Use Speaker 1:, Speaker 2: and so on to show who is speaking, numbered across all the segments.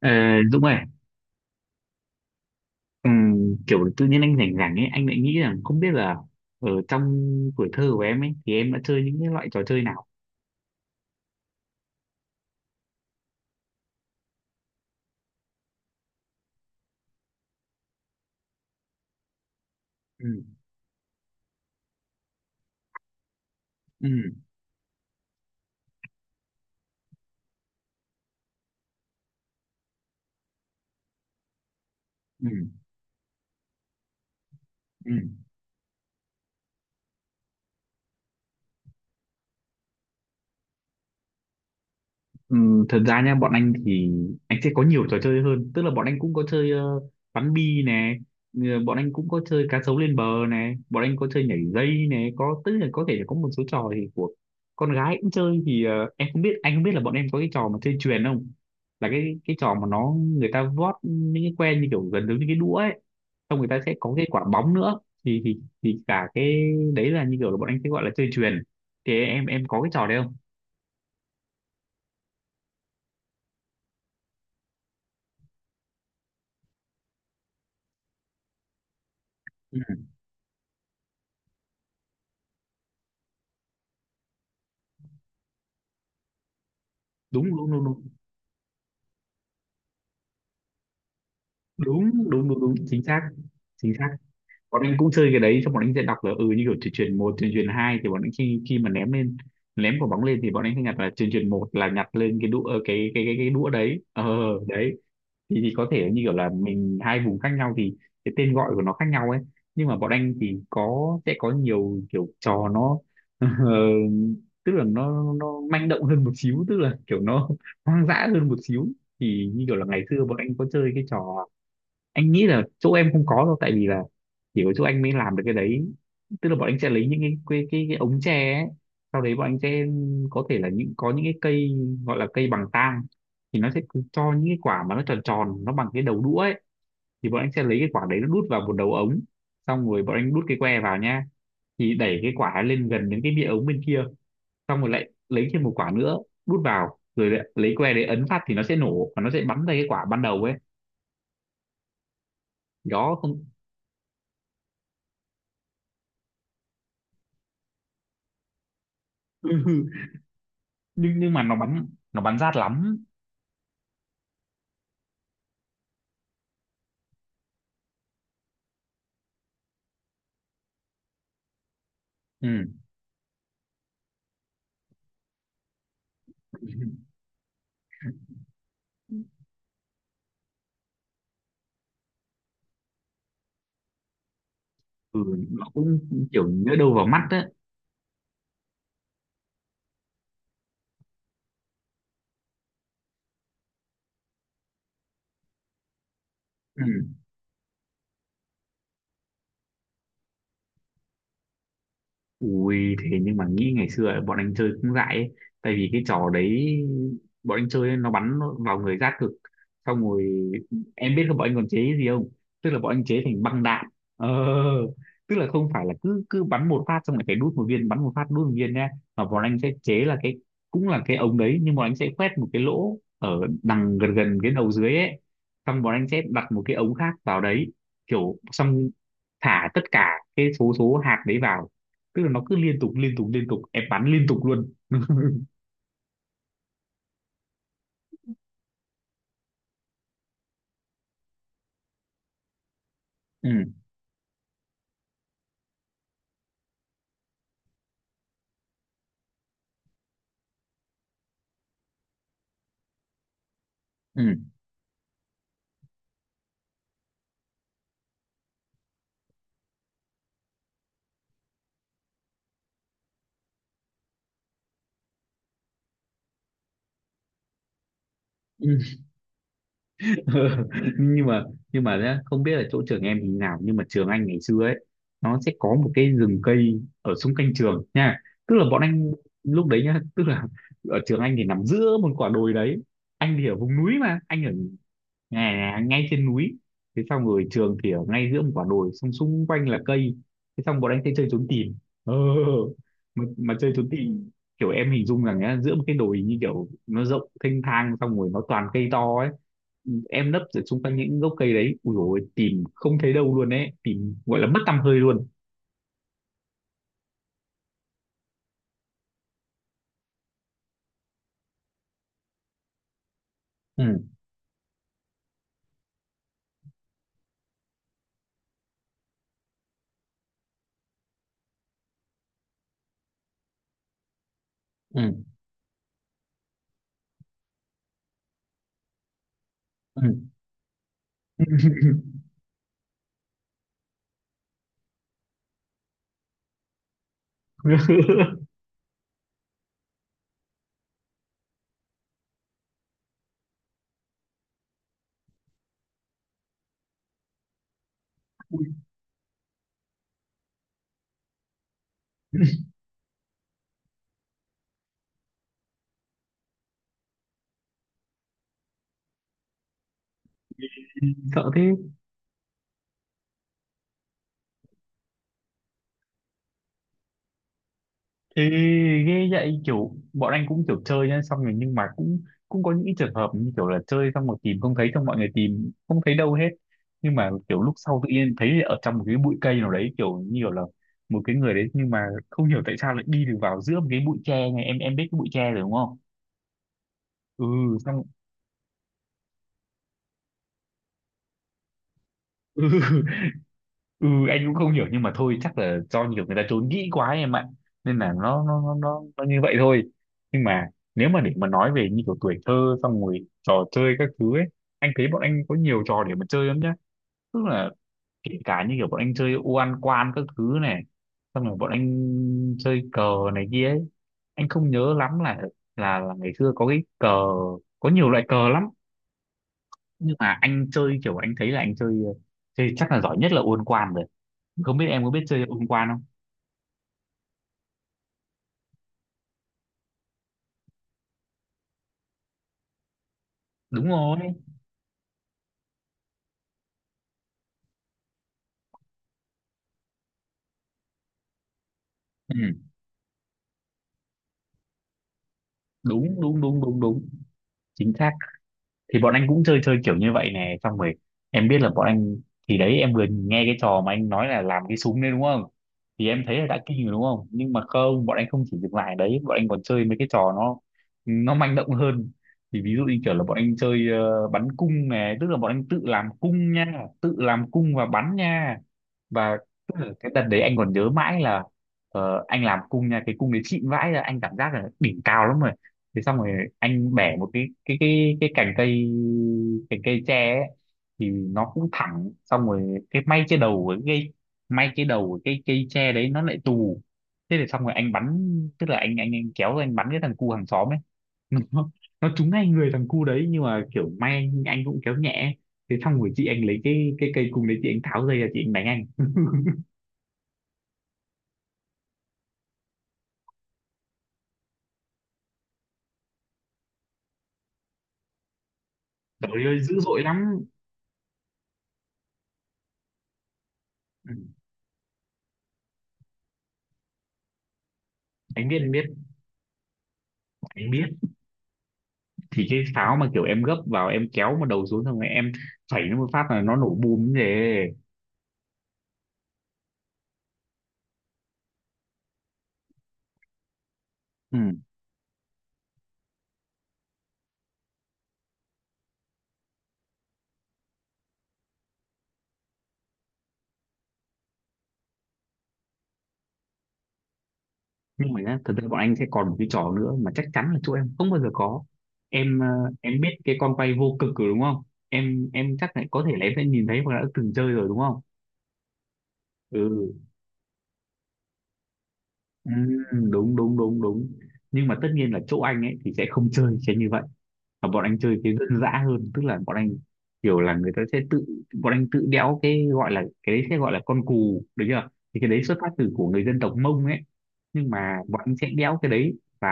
Speaker 1: Ờ, Dũng ơi, ừm, kiểu tự nhiên anh rảnh rảnh ấy, anh lại nghĩ rằng không biết là ở trong tuổi thơ của em ấy thì em đã chơi những cái loại trò chơi nào? Ừ, ừ, ừ, ừ. Thật ra nha bọn anh thì anh sẽ có nhiều trò chơi hơn, tức là bọn anh cũng có chơi bắn bi nè, bọn anh cũng có chơi cá sấu lên bờ nè, bọn anh có chơi nhảy dây nè, có tức là có thể có một số trò thì của con gái cũng chơi. Thì em không biết anh không biết là bọn em có cái trò mà chơi chuyền không, là cái trò mà nó người ta vót những cái que như kiểu gần giống như cái đũa ấy, xong người ta sẽ có cái quả bóng nữa, thì cả cái đấy là như kiểu là bọn anh sẽ gọi là chơi chuyền. Thì em có cái trò đấy không? Ừ, đúng đúng đúng đúng, đúng đúng đúng đúng chính xác, chính xác. Bọn anh cũng chơi cái đấy. Xong bọn anh sẽ đọc là như kiểu chuyển chuyển một, chuyển chuyển hai, thì bọn anh khi khi mà ném lên, ném quả bóng lên, thì bọn anh sẽ nhặt là chuyển chuyển một là nhặt lên cái đũa, cái đũa đấy. Ờ đấy, thì có thể như kiểu là mình hai vùng khác nhau thì cái tên gọi của nó khác nhau ấy. Nhưng mà bọn anh thì có sẽ có nhiều kiểu trò nó tức là nó manh động hơn một xíu, tức là kiểu nó hoang dã hơn một xíu. Thì như kiểu là ngày xưa bọn anh có chơi cái trò, anh nghĩ là chỗ em không có đâu, tại vì là chỉ có chỗ anh mới làm được cái đấy. Tức là bọn anh sẽ lấy những cái ống tre ấy. Sau đấy bọn anh sẽ có thể là những có những cái cây gọi là cây bằng tang, thì nó sẽ cứ cho những cái quả mà nó tròn tròn, nó bằng cái đầu đũa ấy. Thì bọn anh sẽ lấy cái quả đấy nó đút vào một đầu ống, xong rồi bọn anh đút cái que vào nha, thì đẩy cái quả lên gần đến cái miệng ống bên kia, xong rồi lại lấy thêm một quả nữa đút vào, rồi lại lấy que đấy ấn phát thì nó sẽ nổ và nó sẽ bắn ra cái quả ban đầu ấy. Đó không? Nhưng mà nó bắn, nó bắn rát lắm. Ừ. Ừ, nó cũng kiểu nhỡ đâu vào mắt đấy. Ừ. Ui thế, nhưng mà nghĩ ngày xưa ấy, bọn anh chơi cũng dại ấy. Tại vì cái trò đấy bọn anh chơi ấy, nó bắn nó vào người rát cực. Xong rồi em biết là bọn anh còn chế cái gì không? Tức là bọn anh chế thành băng đạn. ờ, Tức là không phải là cứ cứ bắn một phát xong lại phải đút một viên, bắn một phát đút một viên nha, mà bọn anh sẽ chế là cái cũng là cái ống đấy, nhưng bọn anh sẽ khoét một cái lỗ ở đằng gần gần cái đầu dưới ấy, xong bọn anh sẽ đặt một cái ống khác vào đấy, kiểu xong thả tất cả cái số số hạt đấy vào, tức là nó cứ liên tục liên tục liên tục, em bắn liên tục luôn. Ừ, ừ, ừ. nhưng mà nhưng mà nhá, không biết là chỗ trường em như nào nhưng mà trường anh ngày xưa ấy, nó sẽ có một cái rừng cây ở xung quanh trường nha. Tức là bọn anh lúc đấy nhá, tức là ở trường anh thì nằm giữa một quả đồi đấy. Anh thì ở vùng núi mà anh ở ngay trên núi. Thế xong rồi trường thì ở ngay giữa một quả đồi, xong xung quanh là cây. Thế xong bọn anh sẽ chơi trốn tìm, ờ, mà chơi trốn tìm kiểu em hình dung rằng nhá, giữa một cái đồi như kiểu nó rộng thênh thang, xong rồi nó toàn cây to ấy, em nấp ở xung quanh những gốc cây đấy. Ui dồi, tìm không thấy đâu luôn ấy, tìm gọi là mất tăm hơi luôn. Ừ, ừ, ừ. Ui, sợ thế. Thế ghê vậy, kiểu bọn anh cũng kiểu chơi nhá, xong rồi nhưng mà cũng cũng có những cái trường hợp như kiểu là chơi xong rồi tìm không thấy, xong mọi người tìm không thấy đâu hết, nhưng mà kiểu lúc sau tự nhiên thấy ở trong một cái bụi cây nào đấy, kiểu như kiểu là một cái người đấy, nhưng mà không hiểu tại sao lại đi được vào giữa một cái bụi tre này. Em biết cái bụi tre rồi đúng không? Ừ, xong. Ừ, anh cũng không hiểu, nhưng mà thôi chắc là do nhiều người ta trốn kỹ quá em ạ, nên là nó như vậy thôi. Nhưng mà nếu mà để mà nói về như kiểu tuổi thơ xong rồi trò chơi các thứ ấy, anh thấy bọn anh có nhiều trò để mà chơi lắm nhá. Tức là kể cả như kiểu bọn anh chơi ô ăn quan các thứ này, xong rồi bọn anh chơi cờ này kia ấy. Anh không nhớ lắm là ngày xưa có cái cờ, có nhiều loại cờ lắm, nhưng mà anh chơi kiểu anh thấy là anh chơi chơi chắc là giỏi nhất là ô ăn quan rồi. Không biết em có biết chơi ô ăn quan không? Đúng rồi. Ừ. Đúng đúng đúng đúng đúng, chính xác. Thì bọn anh cũng chơi chơi kiểu như vậy nè, xong rồi em biết là bọn anh, thì đấy em vừa nghe cái trò mà anh nói là làm cái súng đấy đúng không, thì em thấy là đã kinh rồi đúng không, nhưng mà không, bọn anh không chỉ dừng lại ở đấy, bọn anh còn chơi mấy cái trò nó manh động hơn. Thì ví dụ như kiểu là bọn anh chơi bắn cung nè, tức là bọn anh tự làm cung nha, tự làm cung và bắn nha, và cái đợt đấy anh còn nhớ mãi là, anh làm cung nha, cái cung đấy xịn vãi ra, anh cảm giác là đỉnh cao lắm rồi. Thế xong rồi anh bẻ một cái cành cây, cành cây tre ấy, thì nó cũng thẳng, xong rồi cái may trên đầu của cái cây, may trên đầu của cái cây tre đấy nó lại tù. Thế thì xong rồi anh bắn, tức là anh kéo ra anh bắn cái thằng cu hàng xóm ấy. nó, nó trúng ngay người thằng cu đấy, nhưng mà kiểu may anh cũng kéo nhẹ ấy. Thế xong rồi chị anh lấy cái cây cung đấy, chị anh tháo dây ra, chị anh đánh anh. Trời ơi, dữ dội lắm. Ừ, anh biết, anh biết, anh biết. Thì cái pháo mà kiểu em gấp vào, em kéo một đầu xuống xong rồi em phẩy nó một phát là nó nổ bùm như thế. Ừ. Nhưng mà nhá, thật ra bọn anh sẽ còn một cái trò nữa mà chắc chắn là chỗ em không bao giờ có. Em ờ, em biết cái con quay vô cực rồi đúng không, em chắc là có thể là em sẽ nhìn thấy hoặc là đã từng chơi rồi đúng không? Ừ, ừ, đúng đúng đúng đúng. Nhưng mà tất nhiên là chỗ anh ấy thì sẽ không chơi sẽ như vậy, và bọn anh chơi cái dân dã hơn, tức là bọn anh kiểu là người ta sẽ tự, bọn anh tự đẽo cái gọi là cái đấy, sẽ gọi là con cù được chưa, thì cái đấy xuất phát từ của người dân tộc Mông ấy. Nhưng mà bọn anh sẽ đẽo cái đấy, và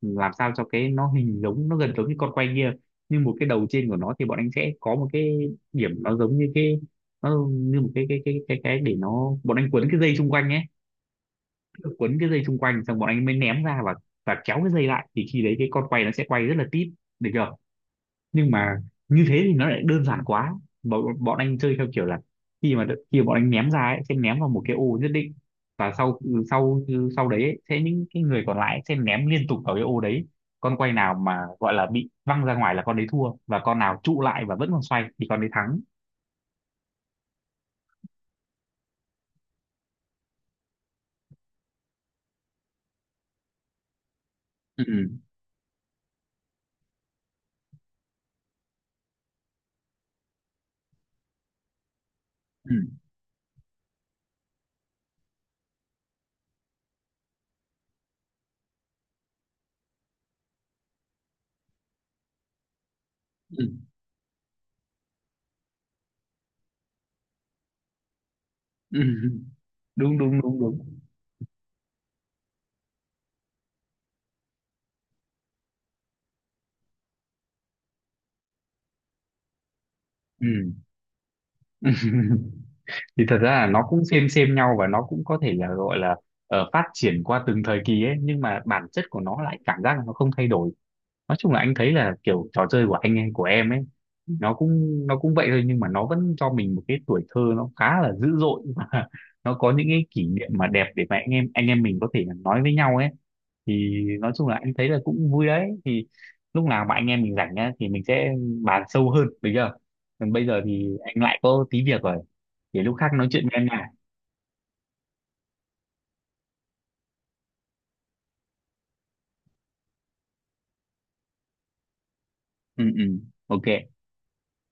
Speaker 1: làm sao cho cái nó hình giống, nó gần giống như con quay kia, nhưng một cái đầu trên của nó thì bọn anh sẽ có một cái điểm nó giống như cái, nó như một cái để nó, bọn anh quấn cái dây xung quanh ấy, quấn cái dây xung quanh xong bọn anh mới ném ra, và kéo cái dây lại thì khi đấy cái con quay nó sẽ quay rất là tít, được chưa? Nhưng mà như thế thì nó lại đơn giản quá. Bọn anh chơi theo kiểu là khi mà khi mà bọn anh ném ra ấy sẽ ném vào một cái ô nhất định, và sau đấy ấy, sẽ những cái người còn lại sẽ ném liên tục vào cái ô đấy. Con quay nào mà gọi là bị văng ra ngoài là con đấy thua, và con nào trụ lại và vẫn còn xoay thì con đấy thắng. Ừ. Ừ. Ừ. Ừ. Đúng đúng đúng đúng. Ừ. Thì thật ra là nó cũng xem nhau, và nó cũng có thể là gọi là phát triển qua từng thời kỳ ấy, nhưng mà bản chất của nó lại cảm giác là nó không thay đổi. Nói chung là anh thấy là kiểu trò chơi của anh ấy, của em ấy, nó cũng vậy thôi, nhưng mà nó vẫn cho mình một cái tuổi thơ nó khá là dữ dội và nó có những cái kỷ niệm mà đẹp để mà anh em mình có thể là nói với nhau ấy. Thì nói chung là anh thấy là cũng vui đấy. Thì lúc nào mà anh em mình rảnh nhá thì mình sẽ bàn sâu hơn được chưa? Còn bây giờ thì anh lại có tí việc rồi, để lúc khác nói chuyện với em nha. Ừ, ừ, ok.